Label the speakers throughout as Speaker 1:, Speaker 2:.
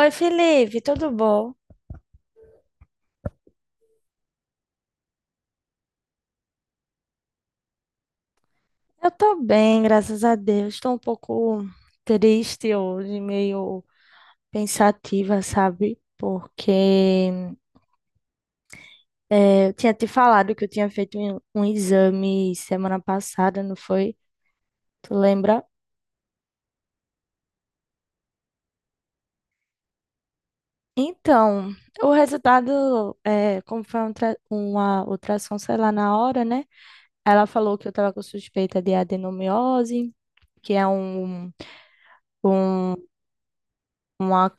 Speaker 1: Oi, Felipe, tudo bom? Eu tô bem, graças a Deus. Estou um pouco triste hoje, meio pensativa, sabe? Porque eu tinha te falado que eu tinha feito um exame semana passada, não foi? Tu lembra? Então, o resultado, como foi um uma ultrassom, sei lá, na hora, né? Ela falou que eu tava com suspeita de adenomiose, que é um uma,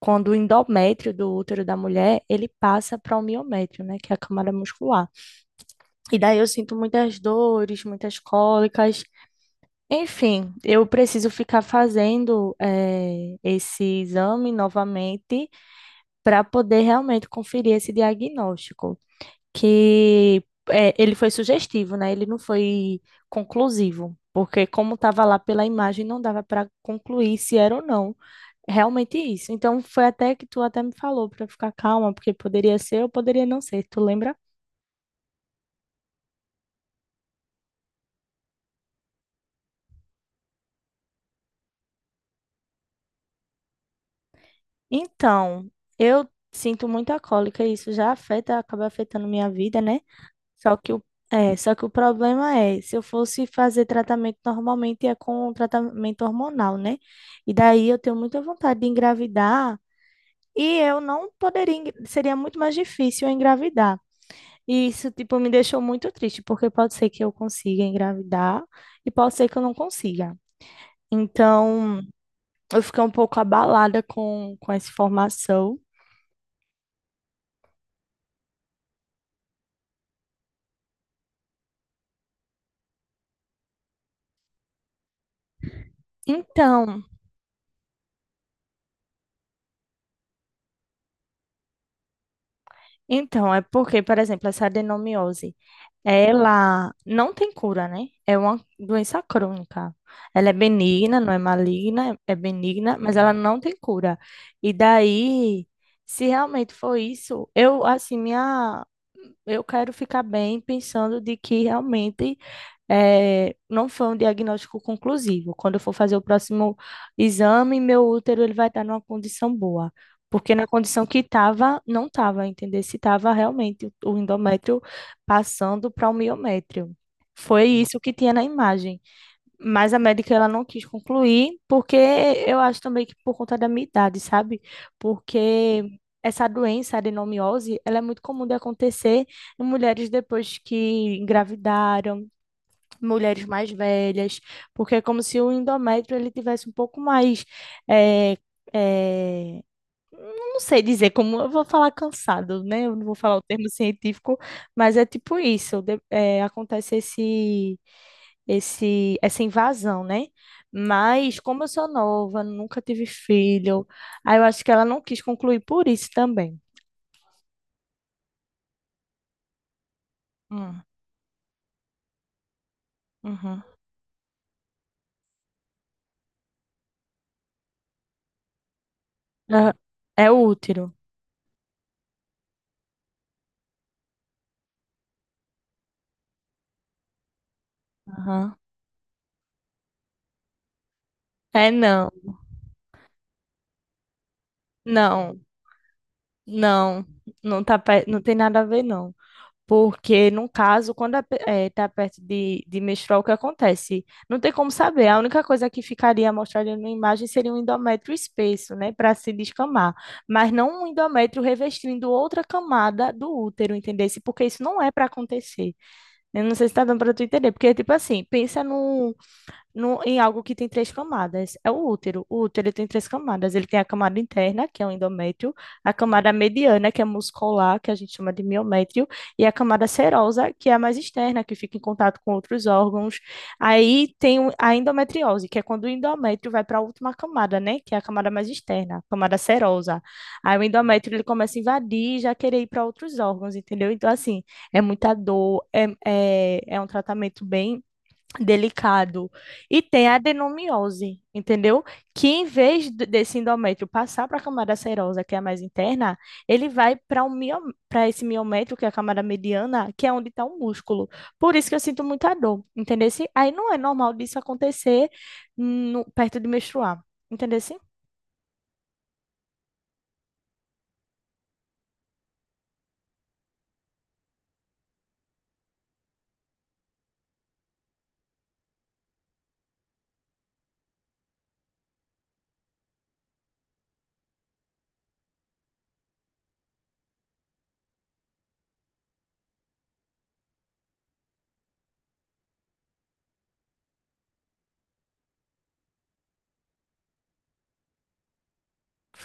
Speaker 1: quando o endométrio do útero da mulher, ele passa para o miométrio, né, que é a camada muscular. E daí eu sinto muitas dores, muitas cólicas. Enfim, eu preciso ficar fazendo esse exame novamente para poder realmente conferir esse diagnóstico, que ele foi sugestivo, né? Ele não foi conclusivo, porque como estava lá pela imagem, não dava para concluir se era ou não. Realmente isso. Então foi até que tu até me falou para ficar calma, porque poderia ser ou poderia não ser, tu lembra? Então, eu sinto muita cólica e isso já afeta, acaba afetando minha vida, né? Só que o é, só que o problema é, se eu fosse fazer tratamento normalmente é com um tratamento hormonal, né? E daí eu tenho muita vontade de engravidar e eu não poderia, seria muito mais difícil eu engravidar. E isso, tipo, me deixou muito triste, porque pode ser que eu consiga engravidar e pode ser que eu não consiga. Então, eu fiquei um pouco abalada com essa informação. Então, então, é porque, por exemplo, essa adenomiose. Ela não tem cura, né? É uma doença crônica. Ela é benigna, não é maligna, é benigna, mas ela não tem cura. E daí, se realmente for isso, eu, assim, eu quero ficar bem pensando de que realmente não foi um diagnóstico conclusivo. Quando eu for fazer o próximo exame, meu útero ele vai estar numa condição boa. Porque na condição que estava, não estava, entender se estava realmente o endométrio passando para o miométrio. Foi isso que tinha na imagem. Mas a médica ela não quis concluir, porque eu acho também que por conta da minha idade, sabe? Porque essa doença, a adenomiose, ela é muito comum de acontecer em mulheres depois que engravidaram, mulheres mais velhas, porque é como se o endométrio ele tivesse um pouco mais, é, é, não sei dizer como, eu vou falar cansado, né? Eu não vou falar o termo científico, mas é tipo isso, acontece essa invasão, né? Mas como eu sou nova, nunca tive filho, aí eu acho que ela não quis concluir por isso também. Hum, uhum. Ah, é útero. Aham. É não, não. Não, não tá, pe- não tem nada a ver, não. Porque, no caso, quando a, tá perto de menstruar, o que acontece? Não tem como saber. A única coisa que ficaria mostrada na imagem seria um endométrio espesso, né? Para se descamar. Mas não um endométrio revestindo outra camada do útero, entendesse? Porque isso não é para acontecer. Eu não sei se tá dando para tu entender. Porque, tipo assim, pensa num no- em algo que tem 3 camadas. É o útero. O útero ele tem 3 camadas. Ele tem a camada interna, que é o endométrio, a camada mediana, que é muscular, que a gente chama de miométrio, e a camada serosa, que é a mais externa, que fica em contato com outros órgãos. Aí tem a endometriose, que é quando o endométrio vai para a última camada, né? Que é a camada mais externa, a camada serosa. Aí o endométrio ele começa a invadir e já querer ir para outros órgãos, entendeu? Então, assim, é muita dor, é um tratamento bem delicado. E tem a adenomiose, entendeu? Que em vez desse endómetrio passar para a camada serosa, que é a mais interna, ele vai para um mio... para esse miométrio, que é a camada mediana, que é onde está o músculo. Por isso que eu sinto muita dor, entendeu? Assim, aí não é normal disso acontecer perto de menstruar, entendeu? Assim,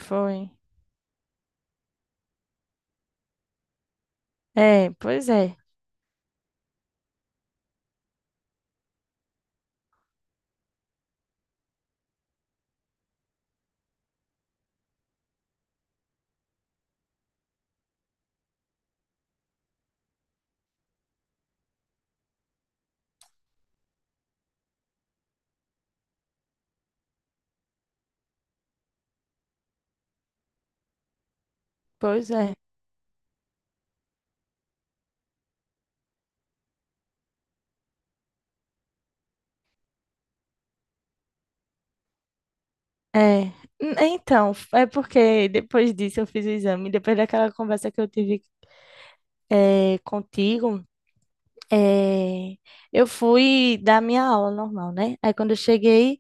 Speaker 1: foi. É, pois é, pois é. É, é porque depois disso eu fiz o exame, depois daquela conversa que eu tive contigo. É, eu fui dar minha aula normal, né? Aí quando eu cheguei,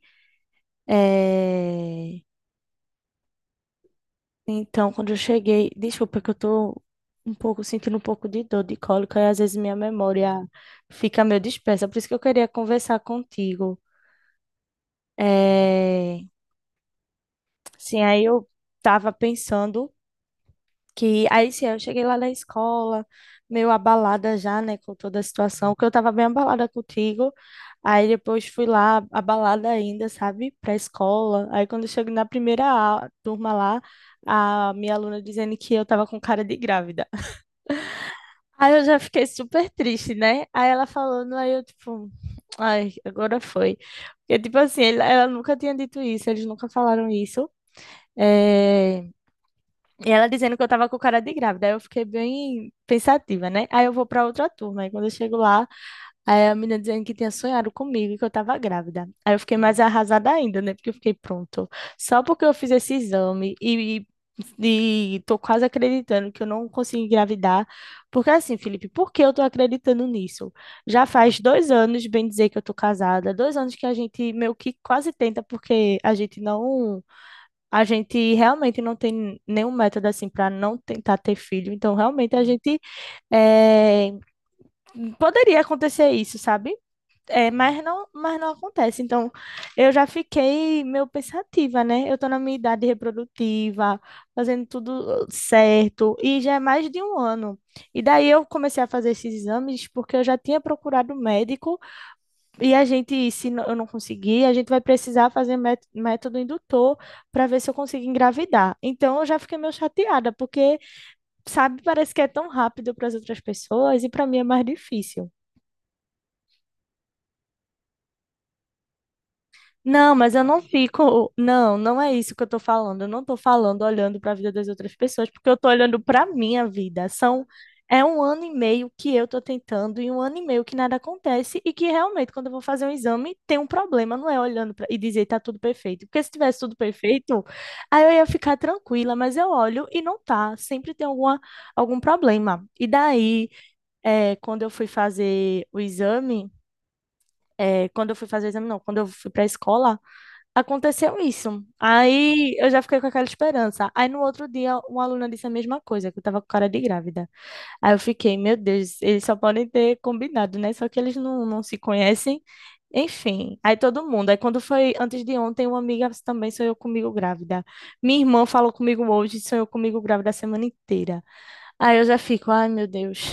Speaker 1: é, então quando eu cheguei, desculpa que eu tô um pouco sentindo um pouco de dor de cólica e às vezes minha memória fica meio dispersa, por isso que eu queria conversar contigo. É, Sim, aí eu tava pensando que aí sim, eu cheguei lá na escola, meio abalada já, né, com toda a situação, que eu tava bem abalada contigo. Aí depois fui lá abalada ainda, sabe, pra escola. Aí quando eu chego na primeira turma lá, a minha aluna dizendo que eu tava com cara de grávida. Aí eu já fiquei super triste, né? Aí ela falando, aí eu tipo, ai, agora foi. Porque tipo assim, ela nunca tinha dito isso, eles nunca falaram isso. É, e ela dizendo que eu tava com cara de grávida. Aí eu fiquei bem pensativa, né? Aí eu vou pra outra turma. Aí quando eu chego lá, aí a menina dizendo que tinha sonhado comigo e que eu tava grávida. Aí eu fiquei mais arrasada ainda, né? Porque eu fiquei pronto. Só porque eu fiz esse exame e, e tô quase acreditando que eu não consegui engravidar. Porque assim, Felipe, por que eu tô acreditando nisso? Já faz 2 anos, bem dizer, que eu tô casada. 2 anos que a gente meio que quase tenta, porque a gente realmente não tem nenhum método assim para não tentar ter filho. Então, realmente a gente eh, poderia acontecer isso, sabe? É, mas não acontece. Então, eu já fiquei meio pensativa, né? Eu tô na minha idade reprodutiva, fazendo tudo certo, e já é mais de 1 ano. E daí eu comecei a fazer esses exames porque eu já tinha procurado médico e a gente, se eu não conseguir, a gente vai precisar fazer método indutor para ver se eu consigo engravidar. Então eu já fiquei meio chateada, porque, sabe, parece que é tão rápido para as outras pessoas e para mim é mais difícil. Não, mas eu não fico. Não, não é isso que eu tô falando. Eu não tô falando olhando para a vida das outras pessoas, porque eu tô olhando para minha vida. São é um ano e meio que eu tô tentando e 1 ano e meio que nada acontece e que realmente quando eu vou fazer um exame tem um problema, não é olhando pra... e dizer tá tudo perfeito. Porque se tivesse tudo perfeito, aí eu ia ficar tranquila, mas eu olho e não tá, sempre tem algum problema. E daí, é, quando eu fui fazer o exame, é, quando eu fui fazer o exame, não, quando eu fui para a escola aconteceu isso. Aí eu já fiquei com aquela esperança. Aí no outro dia, uma aluna disse a mesma coisa, que eu tava com cara de grávida. Aí eu fiquei, meu Deus, eles só podem ter combinado, né? Só que eles não se conhecem. Enfim, aí todo mundo. Aí quando foi antes de ontem, uma amiga também sonhou comigo grávida. Minha irmã falou comigo hoje, sonhou comigo grávida a semana inteira. Aí eu já fico, ai meu Deus.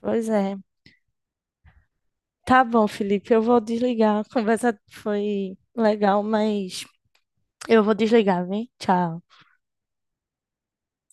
Speaker 1: Pois é. Tá bom, Felipe, eu vou desligar. A conversa foi legal, mas eu vou desligar, vem? Tchau.